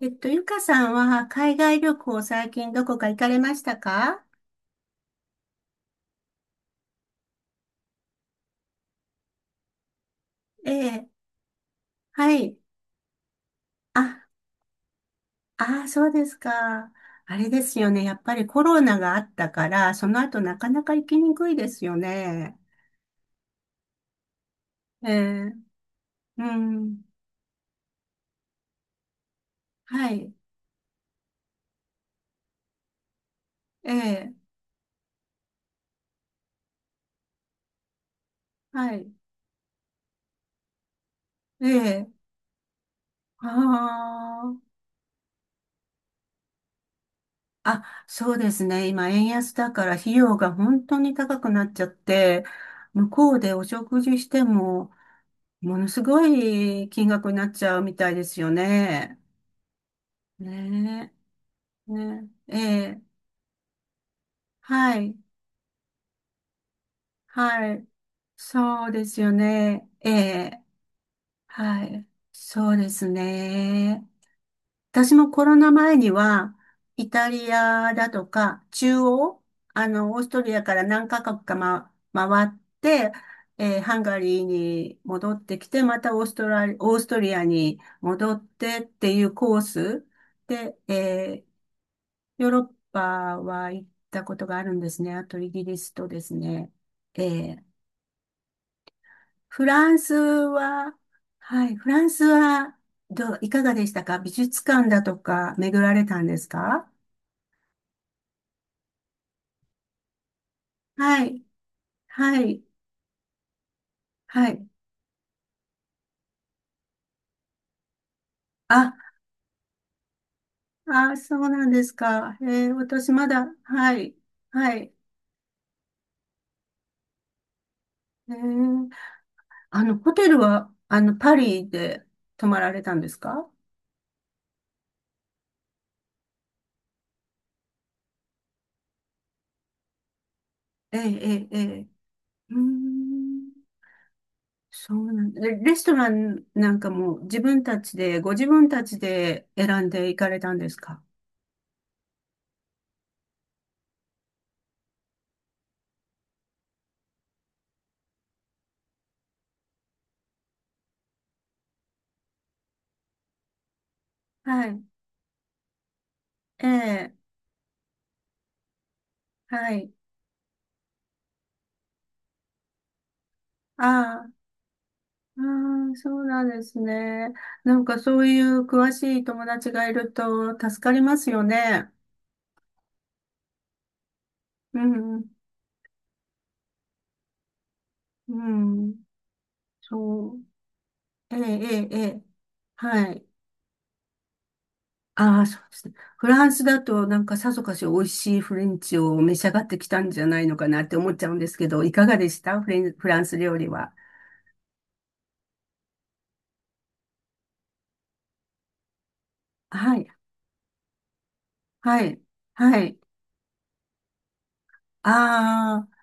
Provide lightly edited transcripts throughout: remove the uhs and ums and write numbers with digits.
ゆかさんは海外旅行最近どこか行かれましたか？ええ、はい。あ、ああ、そうですか。あれですよね。やっぱりコロナがあったから、その後なかなか行きにくいですよね。ええ、うん。はい。ええ、はい。ええ、ああ。あ、そうですね。今、円安だから費用が本当に高くなっちゃって、向こうでお食事しても、ものすごい金額になっちゃうみたいですよね。ねえ、ねえ、ええ、はい、はい、そうですよね。ええ、はい、そうですね。私もコロナ前には、イタリアだとか、央、オーストリアから何カ国か、回って、ハンガリーに戻ってきて、またオーストリアに戻ってっていうコースで、ヨーロッパは行ったことがあるんですね。あとイギリスとですね。えーフランスは、はい、フランスはどう、いかがでしたか？美術館だとか巡られたんですか？はい、はい、はい。あ、あ、そうなんですか。私まだ、はい、はい。えーホテルは、パリで泊まられたんですか？ええ、ええ、ええ。うーん、そうなんだ。レストランなんかも自分たちで、ご自分たちで選んで行かれたんですか？はい。ええ、はい。ああ、ああ、そうなんですね。なんかそういう詳しい友達がいると助かりますよね。うん、うん、そう。ええ、ええ、ええ。はい。ああ、そうですね。フランスだとなんかさぞかし美味しいフレンチを召し上がってきたんじゃないのかなって思っちゃうんですけど、いかがでしたフランス料理は。はい、はい、はい。ああ。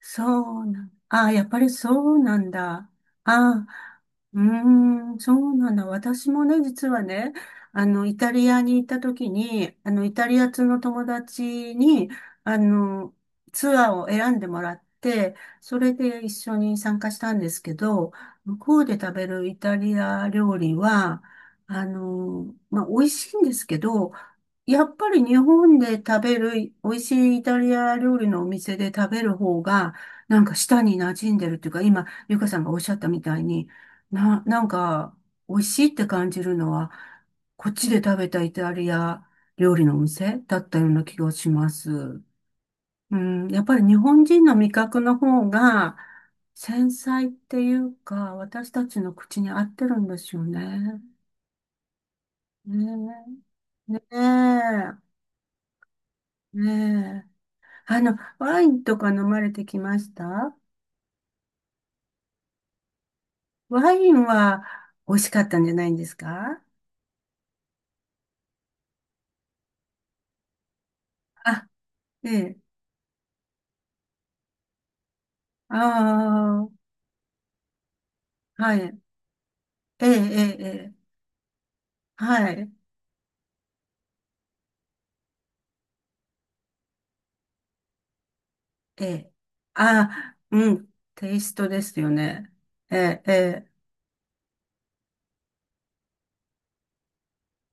そうなん、ああ、やっぱりそうなんだ。ああ、うーん、そうなんだ。私もね、実はね、イタリアに行った時に、イタリア通の友達に、あの、ツアーを選んでもらって、それで一緒に参加したんですけど、向こうで食べるイタリア料理は、美味しいんですけど、やっぱり日本で食べる美味しいイタリア料理のお店で食べる方が、なんか舌に馴染んでるっていうか、今、ゆかさんがおっしゃったみたいに、なんか、美味しいって感じるのは、こっちで食べたイタリア料理のお店だったような気がします。うん、やっぱり日本人の味覚の方が、繊細っていうか、私たちの口に合ってるんですよね。ねえ、ねえ、ねえ。ワインとか飲まれてきました？ワインは美味しかったんじゃないんですか？あ、ええ。ああ、はい。ええ、ええ、ええ、はい。ええ。あ、うん。テイストですよね。ええ、え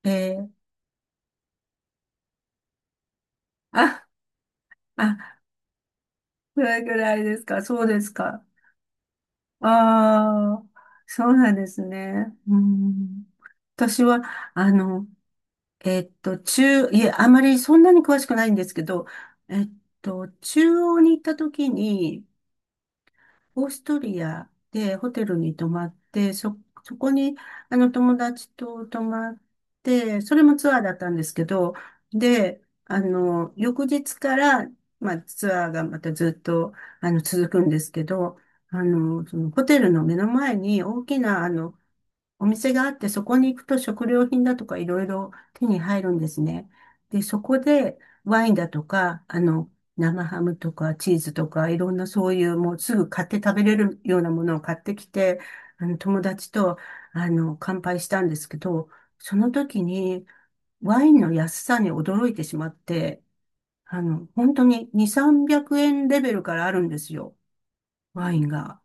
え、ええ。あ、あ、それぐらいですか？そうですか。ああ、そうなんですね。うん。私は、あの、いえ、あまりそんなに詳しくないんですけど、えっ中央に行った時に、オーストリアでホテルに泊まって、そこに、友達と泊まって、それもツアーだったんですけど、で、翌日から、ツアーがまたずっと、続くんですけど、そのホテルの目の前に大きな、お店があって、そこに行くと食料品だとかいろいろ手に入るんですね。で、そこでワインだとか、生ハムとかチーズとか、いろんなそういうもうすぐ買って食べれるようなものを買ってきて、友達と、乾杯したんですけど、その時にワインの安さに驚いてしまって、本当に2、300円レベルからあるんですよ、ワインが。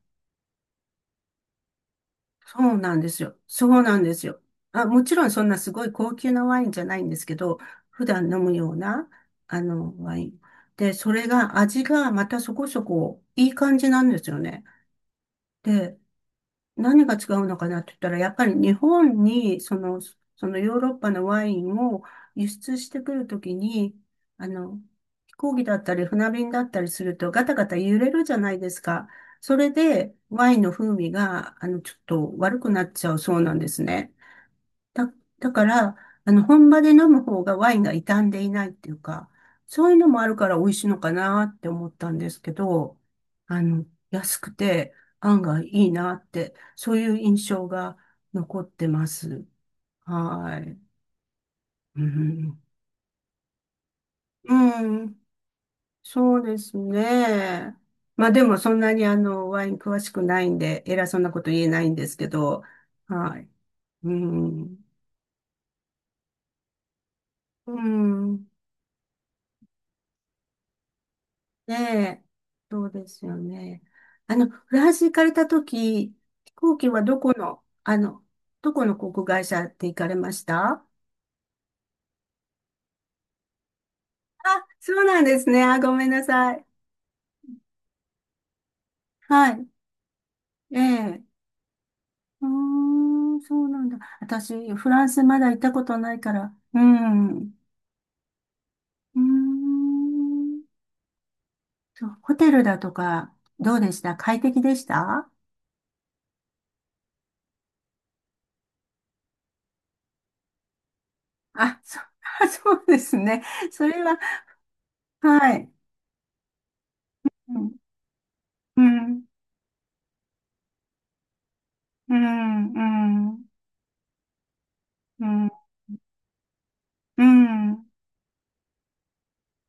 そうなんですよ。そうなんですよ。あ、もちろんそんなすごい高級なワインじゃないんですけど、普段飲むような、ワイン。で、それが味がまたそこそこいい感じなんですよね。で、何が違うのかなって言ったら、やっぱり日本に、その、そのヨーロッパのワインを輸出してくるときに、あの、飛行機だったり船便だったりするとガタガタ揺れるじゃないですか。それでワインの風味が、ちょっと悪くなっちゃうそうなんですね。だ、だから、本場で飲む方がワインが傷んでいないっていうか、そういうのもあるから美味しいのかなって思ったんですけど、あの、安くて案外いいなって、そういう印象が残ってます。はい。うん。うん。そうですね。まあでもそんなにワイン詳しくないんで、偉そうなこと言えないんですけど、はい。うん。うん。ねえ、そうですよね。フランス行かれたとき、飛行機はどこの、どこの航空会社で行かれました？あ、そうなんですね。あ、ごめんなさい。はい。ええ。うーん、そうなんだ。私、フランスまだ行ったことないから。うん。うーん。そう、ホテルだとか、どうでした？快適でした？あ、そうですね。それは、はい。うん。うん、うん、うん、うん、うん。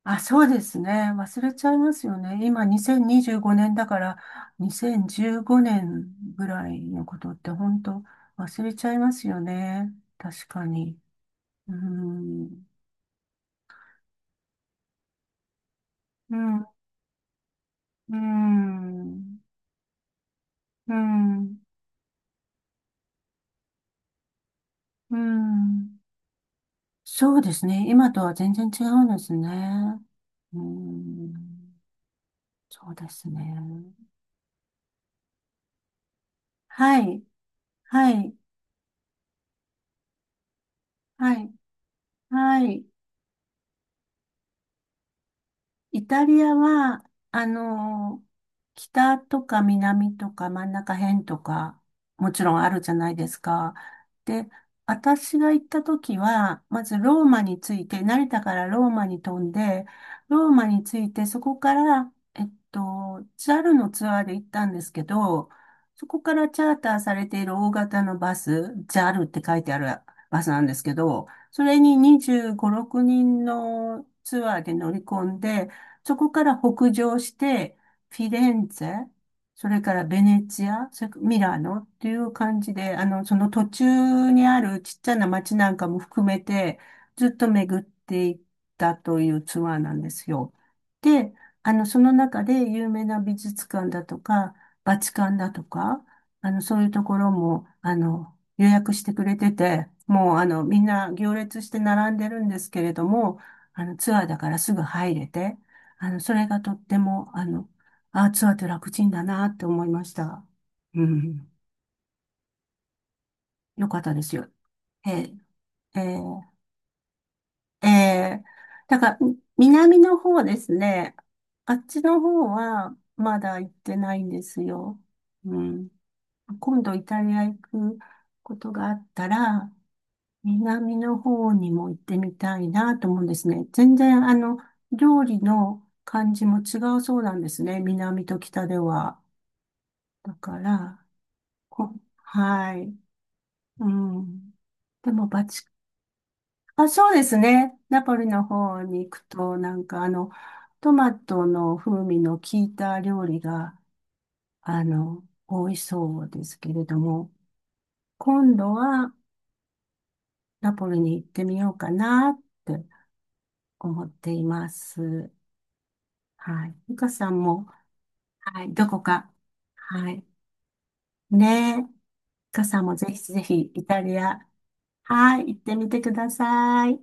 あ、そうですね。忘れちゃいますよね。今、2025年だから、2015年ぐらいのことって本当忘れちゃいますよね。確かに。うん、うん、うん、うん、うん。そうですね。今とは全然違うんですね。うん、そうですね。はい、はい、はい、はい。イタリアは、あの、北とか南とか真ん中辺とか、もちろんあるじゃないですか。で、私が行った時は、まずローマについて、成田からローマに飛んで、ローマについて、そこから、ジャルのツアーで行ったんですけど、そこからチャーターされている大型のバス、ジャルって書いてあるバスなんですけど、それに25、6人のツアーで乗り込んで、そこから北上して、フィレンツェ、それからベネチア、それからミラノっていう感じで、その途中にあるちっちゃな街なんかも含めて、ずっと巡っていったというツアーなんですよ。で、その中で有名な美術館だとか、バチカンだとか、そういうところも、予約してくれてて、もう、みんな行列して並んでるんですけれども、ツアーだからすぐ入れて、それがとっても、ツアーって楽ちんだなって思いました。うん。よかったですよ。えー、えー、えー、だから、南の方ですね。あっちの方は、まだ行ってないんですよ。うん。今度イタリア行くことがあったら、南の方にも行ってみたいなと思うんですね。全然、料理の感じも違うそうなんですね。南と北では。だから、こ、はい。うん。でも、あ、そうですね。ナポリの方に行くと、なんか、トマトの風味の効いた料理が、多いそうですけれども、今度はナポリに行ってみようかなって思っています。はい。ゆかさんも、はい、どこか、はい。ねえ。かさんもぜひぜひイタリア、はい、行ってみてください。